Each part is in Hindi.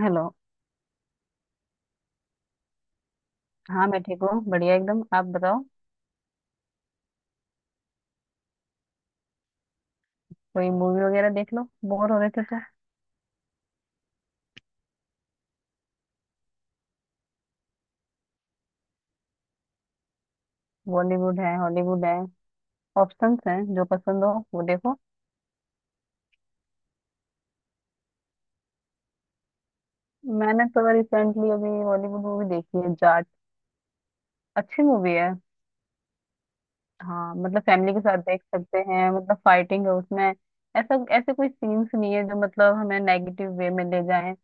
हेलो। हाँ मैं ठीक हूँ, बढ़िया एकदम। आप बताओ। कोई मूवी वगैरह देख लो। बोर हो रहे थे तो बॉलीवुड है, हॉलीवुड है, ऑप्शंस हैं। जो पसंद हो वो देखो। मैंने तो रिसेंटली अभी बॉलीवुड मूवी देखी है, जाट। अच्छी मूवी है। हाँ मतलब फैमिली के साथ देख सकते हैं, मतलब फाइटिंग है उसमें। ऐसा ऐसे कोई सीन्स नहीं है जो मतलब हमें नेगेटिव वे में ले जाए।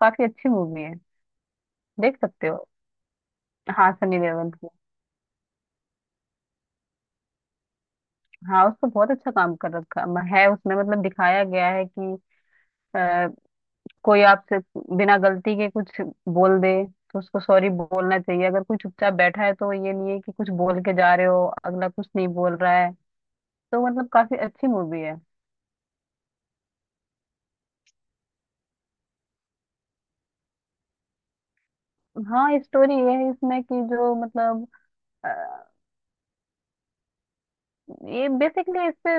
काफी अच्छी मूवी है। देख सकते हो। हाँ सनी देओल की। हाँ उसको बहुत अच्छा काम कर रखा है उसमें। मतलब दिखाया गया है कि कोई आपसे बिना गलती के कुछ बोल दे तो उसको सॉरी बोलना चाहिए। अगर कोई चुपचाप बैठा है तो ये नहीं है कि कुछ बोल के जा रहे हो, अगला कुछ नहीं बोल रहा है। तो मतलब काफी अच्छी मूवी है। हाँ स्टोरी ये है इसमें कि जो मतलब अ, ये बेसिकली इससे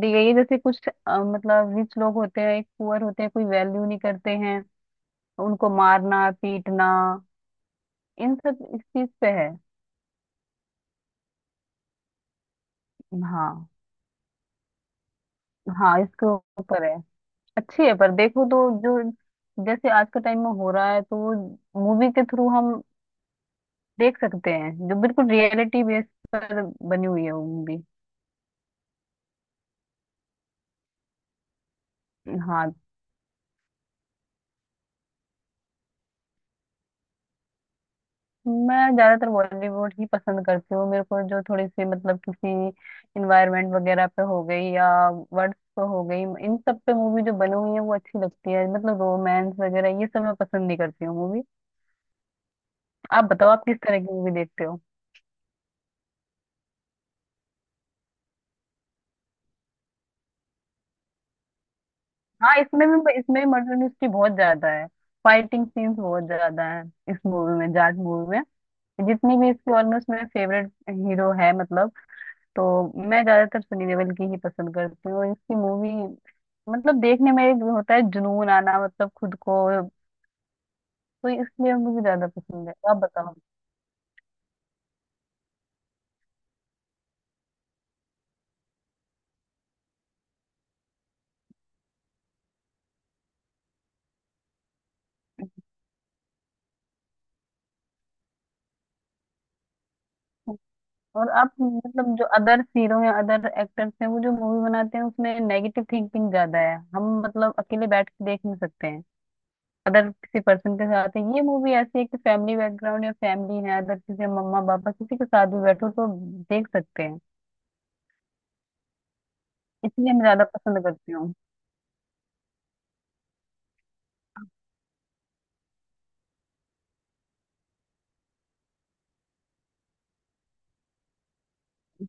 दी गई है। जैसे कुछ मतलब रिच लोग होते हैं, एक पुअर होते हैं, कोई वैल्यू नहीं करते हैं, उनको मारना पीटना, इन सब इस चीज पे है। हाँ। हाँ इसके ऊपर है। अच्छी है। पर देखो तो जो जैसे आज के टाइम में हो रहा है तो वो मूवी के थ्रू हम देख सकते हैं। जो बिल्कुल रियलिटी बेस पर बनी हुई है वो मूवी। हाँ मैं ज्यादातर बॉलीवुड ही पसंद करती हूँ। मेरे को जो थोड़ी सी मतलब किसी इन्वायरमेंट वगैरह पे हो गई या वर्ड्स पे हो गई, इन सब पे मूवी जो बनी हुई है वो अच्छी लगती है। मतलब रोमांस वगैरह ये सब मैं पसंद नहीं करती हूँ मूवी। आप बताओ आप किस तरह की मूवी देखते हो। हाँ इसमें भी मर्डर मिस्ट्री बहुत ज्यादा है। फाइटिंग सीन्स बहुत ज्यादा है इस मूवी में, जाट मूवी में। जितनी भी इसकी ऑलमोस्ट मेरे फेवरेट हीरो है मतलब, तो मैं ज्यादातर सनी देओल की ही पसंद करती हूँ इसकी मूवी। मतलब देखने में एक होता है जुनून आना, मतलब खुद को, तो इसलिए मुझे ज्यादा पसंद है। आप बताओ। और आप मतलब जो अदर हीरो या अदर एक्टर्स हैं वो जो मूवी बनाते हैं उसमें नेगेटिव थिंकिंग ज्यादा है, हम मतलब अकेले बैठ के देख नहीं सकते हैं। अदर किसी पर्सन के साथ है, ये मूवी ऐसी है कि फैमिली बैकग्राउंड या फैमिली है, अदर किसी मम्मा पापा किसी के साथ भी बैठो तो देख सकते हैं। इसलिए मैं ज्यादा पसंद करती हूँ।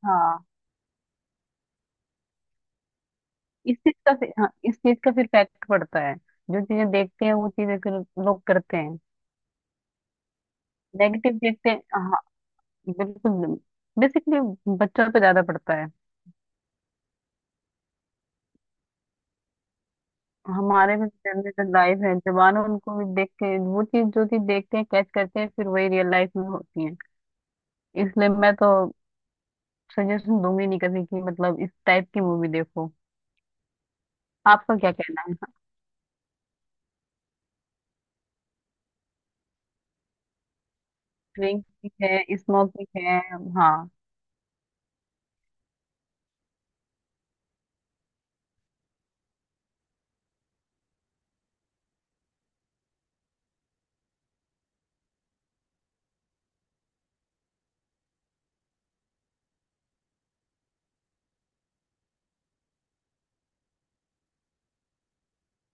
हाँ इस चीज का फिर- हाँ इस चीज का फिर फैक्ट पड़ता है। जो चीजें देखते हैं वो चीजें फिर लोग करते हैं। नेगेटिव देखते हैं। हाँ। बिल्कुल। बेसिकली बच्चों पे ज्यादा पड़ता है। हमारे भी जनरेशन लाइफ है, जवान है, उनको भी देख के वो चीज जो चीज देखते हैं कैच करते हैं फिर वही रियल लाइफ में होती है। इसलिए मैं तो सजेशन दूंगी नहीं कभी कि मतलब इस टाइप की मूवी देखो। आपका क्या कहना है। ड्रिंक भी है, स्मोकिंग है। हाँ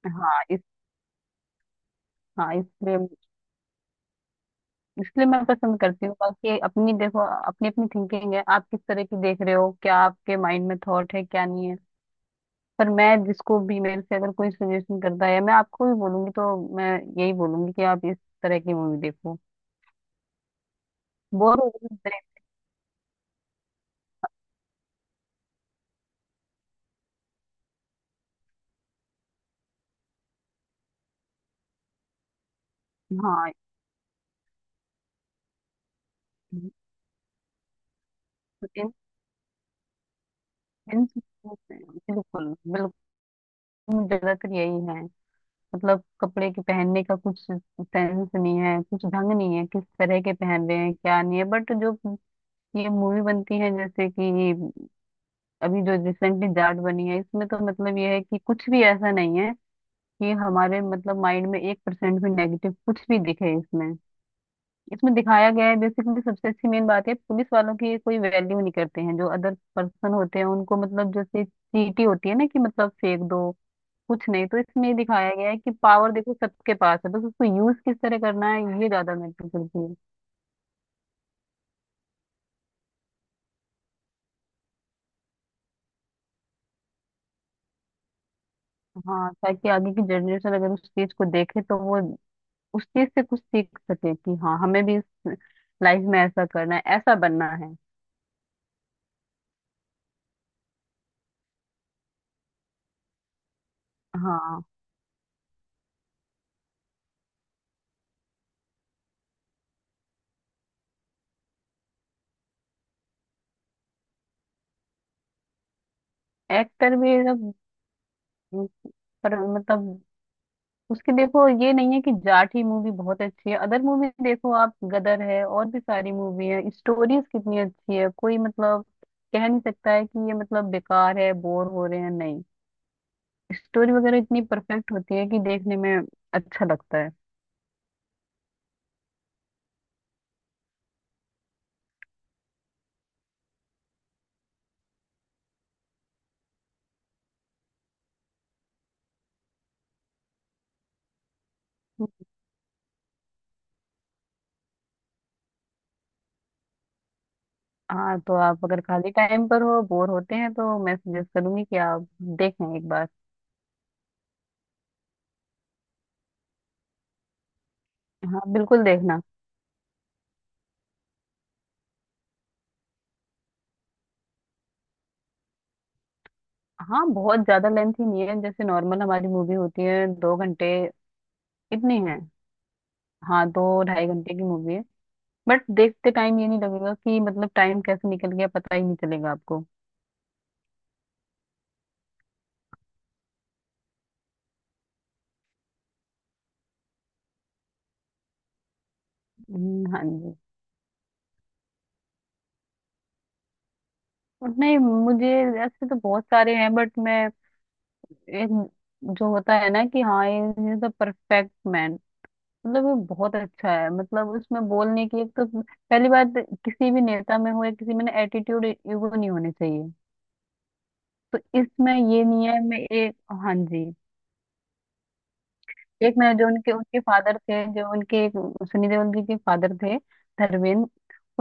हाँ इस हाँ इसलिए इसलिए मैं पसंद करती हूँ। बाकी अपनी देखो, अपनी अपनी थिंकिंग है। आप किस तरह की देख रहे हो, क्या आपके माइंड में थॉट है क्या नहीं है। पर मैं जिसको भी, मेरे से अगर कोई सजेशन करता है, मैं आपको भी बोलूंगी, तो मैं यही बोलूंगी कि आप इस तरह की मूवी देखो। बोर हो रही है। हाँ इन इन बिल्कुल बिल्कुल। ज्यादातर यही है। मतलब कपड़े के पहनने का कुछ सेंस नहीं है, कुछ ढंग नहीं है, किस तरह के पहन रहे हैं क्या नहीं है। बट जो ये मूवी बनती है, जैसे कि अभी जो रिसेंटली जाट बनी है, इसमें तो मतलब ये है कि कुछ भी ऐसा नहीं है कि हमारे मतलब माइंड में एक परसेंट भी नेगेटिव कुछ भी दिखे इसमें। इसमें दिखाया गया है बेसिकली, सबसे अच्छी मेन बात है, पुलिस वालों की कोई वैल्यू नहीं करते हैं जो अदर पर्सन होते हैं, उनको मतलब जैसे चीटी होती है ना, कि मतलब फेंक दो, कुछ नहीं। तो इसमें ये दिखाया गया है कि पावर देखो सबके पास है, बस उसको यूज किस तरह करना है ये ज्यादा मैटर करती है। हाँ ताकि आगे की जनरेशन अगर उस चीज को देखे तो वो उस चीज से कुछ सीख सके कि हाँ हमें भी इस लाइफ में ऐसा करना है, ऐसा बनना है। हाँ एक्टर भी सब, पर मतलब उसकी देखो ये नहीं है कि जाट ही मूवी बहुत अच्छी है। अदर मूवी देखो आप, गदर है, और भी सारी मूवी है, स्टोरीज कितनी अच्छी है। कोई मतलब कह नहीं सकता है कि ये मतलब बेकार है, बोर हो रहे हैं, नहीं। स्टोरी वगैरह इतनी परफेक्ट होती है कि देखने में अच्छा लगता है। हाँ तो आप अगर खाली टाइम पर हो, बोर होते हैं, तो मैं सजेस्ट करूंगी कि आप देखें एक बार। हाँ बिल्कुल देखना। हाँ बहुत ज्यादा लेंथ ही नहीं है, जैसे नॉर्मल हमारी मूवी होती है दो घंटे, इतनी है। हाँ दो ढाई घंटे की मूवी है। बट देखते टाइम ये नहीं लगेगा कि मतलब टाइम कैसे निकल गया, पता ही नहीं चलेगा आपको। हाँ जी। नहीं, मुझे ऐसे तो बहुत सारे हैं, बट मैं एक जो होता है ना, कि हाँ ये द परफेक्ट मैन, मतलब वो बहुत अच्छा है। मतलब उसमें बोलने की एक तो पहली बात, किसी भी नेता में हो या किसी में ना, एटीट्यूड ईगो नहीं होने चाहिए। तो इसमें ये नहीं है। मैं एक, हाँ जी। एक मैं जो उनके उनके फादर थे, जो उनके एक, सुनी देओल जी के फादर थे, धर्मेंद्र।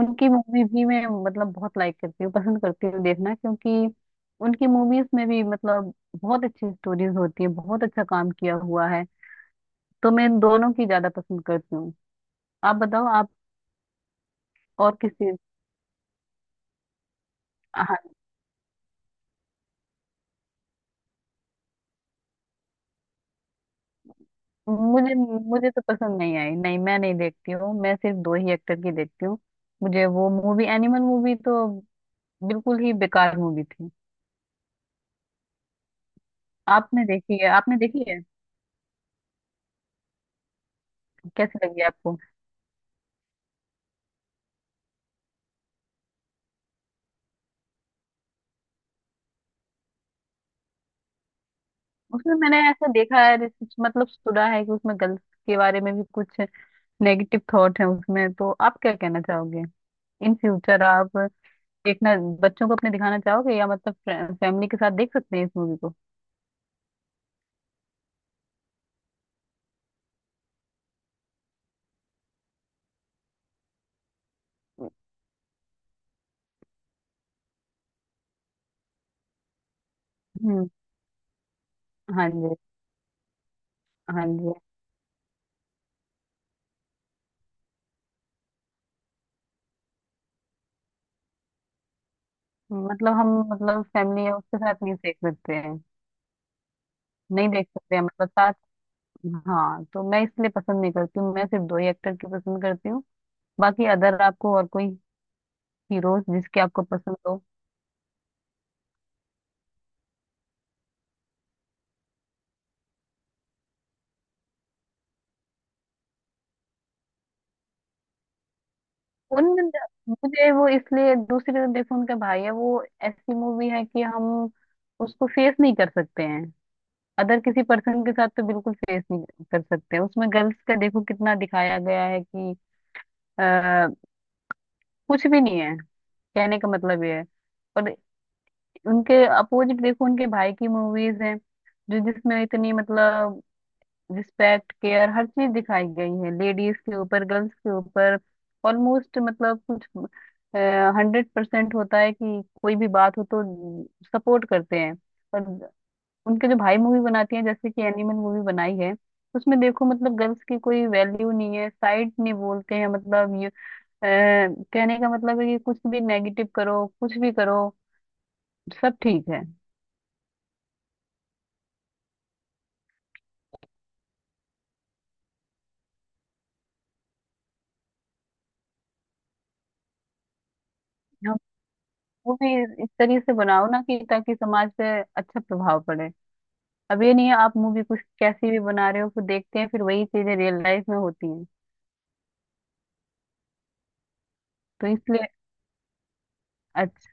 उनकी मूवी भी मैं मतलब बहुत लाइक करती हूँ, पसंद करती हूँ देखना, क्योंकि उनकी मूवीज में भी मतलब बहुत अच्छी स्टोरीज होती है, बहुत अच्छा काम किया हुआ है। तो मैं दोनों की ज्यादा पसंद करती हूँ। आप बताओ आप और किसी। हाँ मुझे मुझे तो पसंद नहीं आई, नहीं मैं नहीं देखती हूँ, मैं सिर्फ दो ही एक्टर की देखती हूँ। मुझे वो मूवी, एनिमल मूवी तो बिल्कुल ही बेकार मूवी थी। आपने देखी है? आपने देखी है? कैसी लगी आपको? उसमें मैंने ऐसा देखा है, रिसर्च मतलब सुना है कि उसमें गर्ल्स के बारे में भी कुछ नेगेटिव थॉट है उसमें। तो आप क्या कहना चाहोगे, इन फ्यूचर आप देखना, बच्चों को अपने दिखाना चाहोगे, या मतलब फैमिली के साथ देख सकते हैं इस मूवी को। हम्म, हाँ जी। हाँ जी। मतलब हम, मतलब फैमिली है उसके साथ नहीं देख सकते हैं। नहीं देख सकते हैं मतलब साथ। हाँ तो मैं इसलिए पसंद नहीं करती हूँ, मैं सिर्फ दो ही एक्टर की पसंद करती हूँ। बाकी अदर आपको और कोई हीरोज जिसके आपको पसंद हो। उन, मुझे वो इसलिए, दूसरी तरफ देखो उनका भाई है, वो ऐसी मूवी है कि हम उसको फेस नहीं कर सकते हैं। अदर किसी पर्सन के साथ तो बिल्कुल फेस नहीं कर सकते हैं। उसमें गर्ल्स का देखो कितना दिखाया गया है कि आ, कुछ भी नहीं है। कहने का मतलब ये है। और उनके अपोजिट देखो, उनके भाई की मूवीज हैं जो, जिसमें इतनी मतलब रिस्पेक्ट केयर हर चीज दिखाई गई है लेडीज के ऊपर, गर्ल्स के ऊपर। ऑलमोस्ट मतलब कुछ हंड्रेड परसेंट होता है कि कोई भी बात हो तो सपोर्ट करते हैं। और उनके जो भाई मूवी बनाती हैं, जैसे कि एनिमल मूवी बनाई है, उसमें देखो मतलब गर्ल्स की कोई वैल्यू नहीं है, साइड नहीं बोलते हैं मतलब, ये अ, कहने का मतलब है कि कुछ भी नेगेटिव करो कुछ भी करो, सब ठीक है। हम वो भी इस तरीके से बनाओ ना, कि ताकि समाज पे अच्छा प्रभाव पड़े। अब ये नहीं है आप मूवी कुछ कैसी भी बना रहे हो, फिर देखते हैं फिर वही चीजें रियल लाइफ में होती हैं। तो इसलिए अच्छा।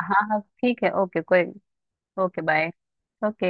हाँ हाँ ठीक है, ओके, कोई। Okay bye. ओके।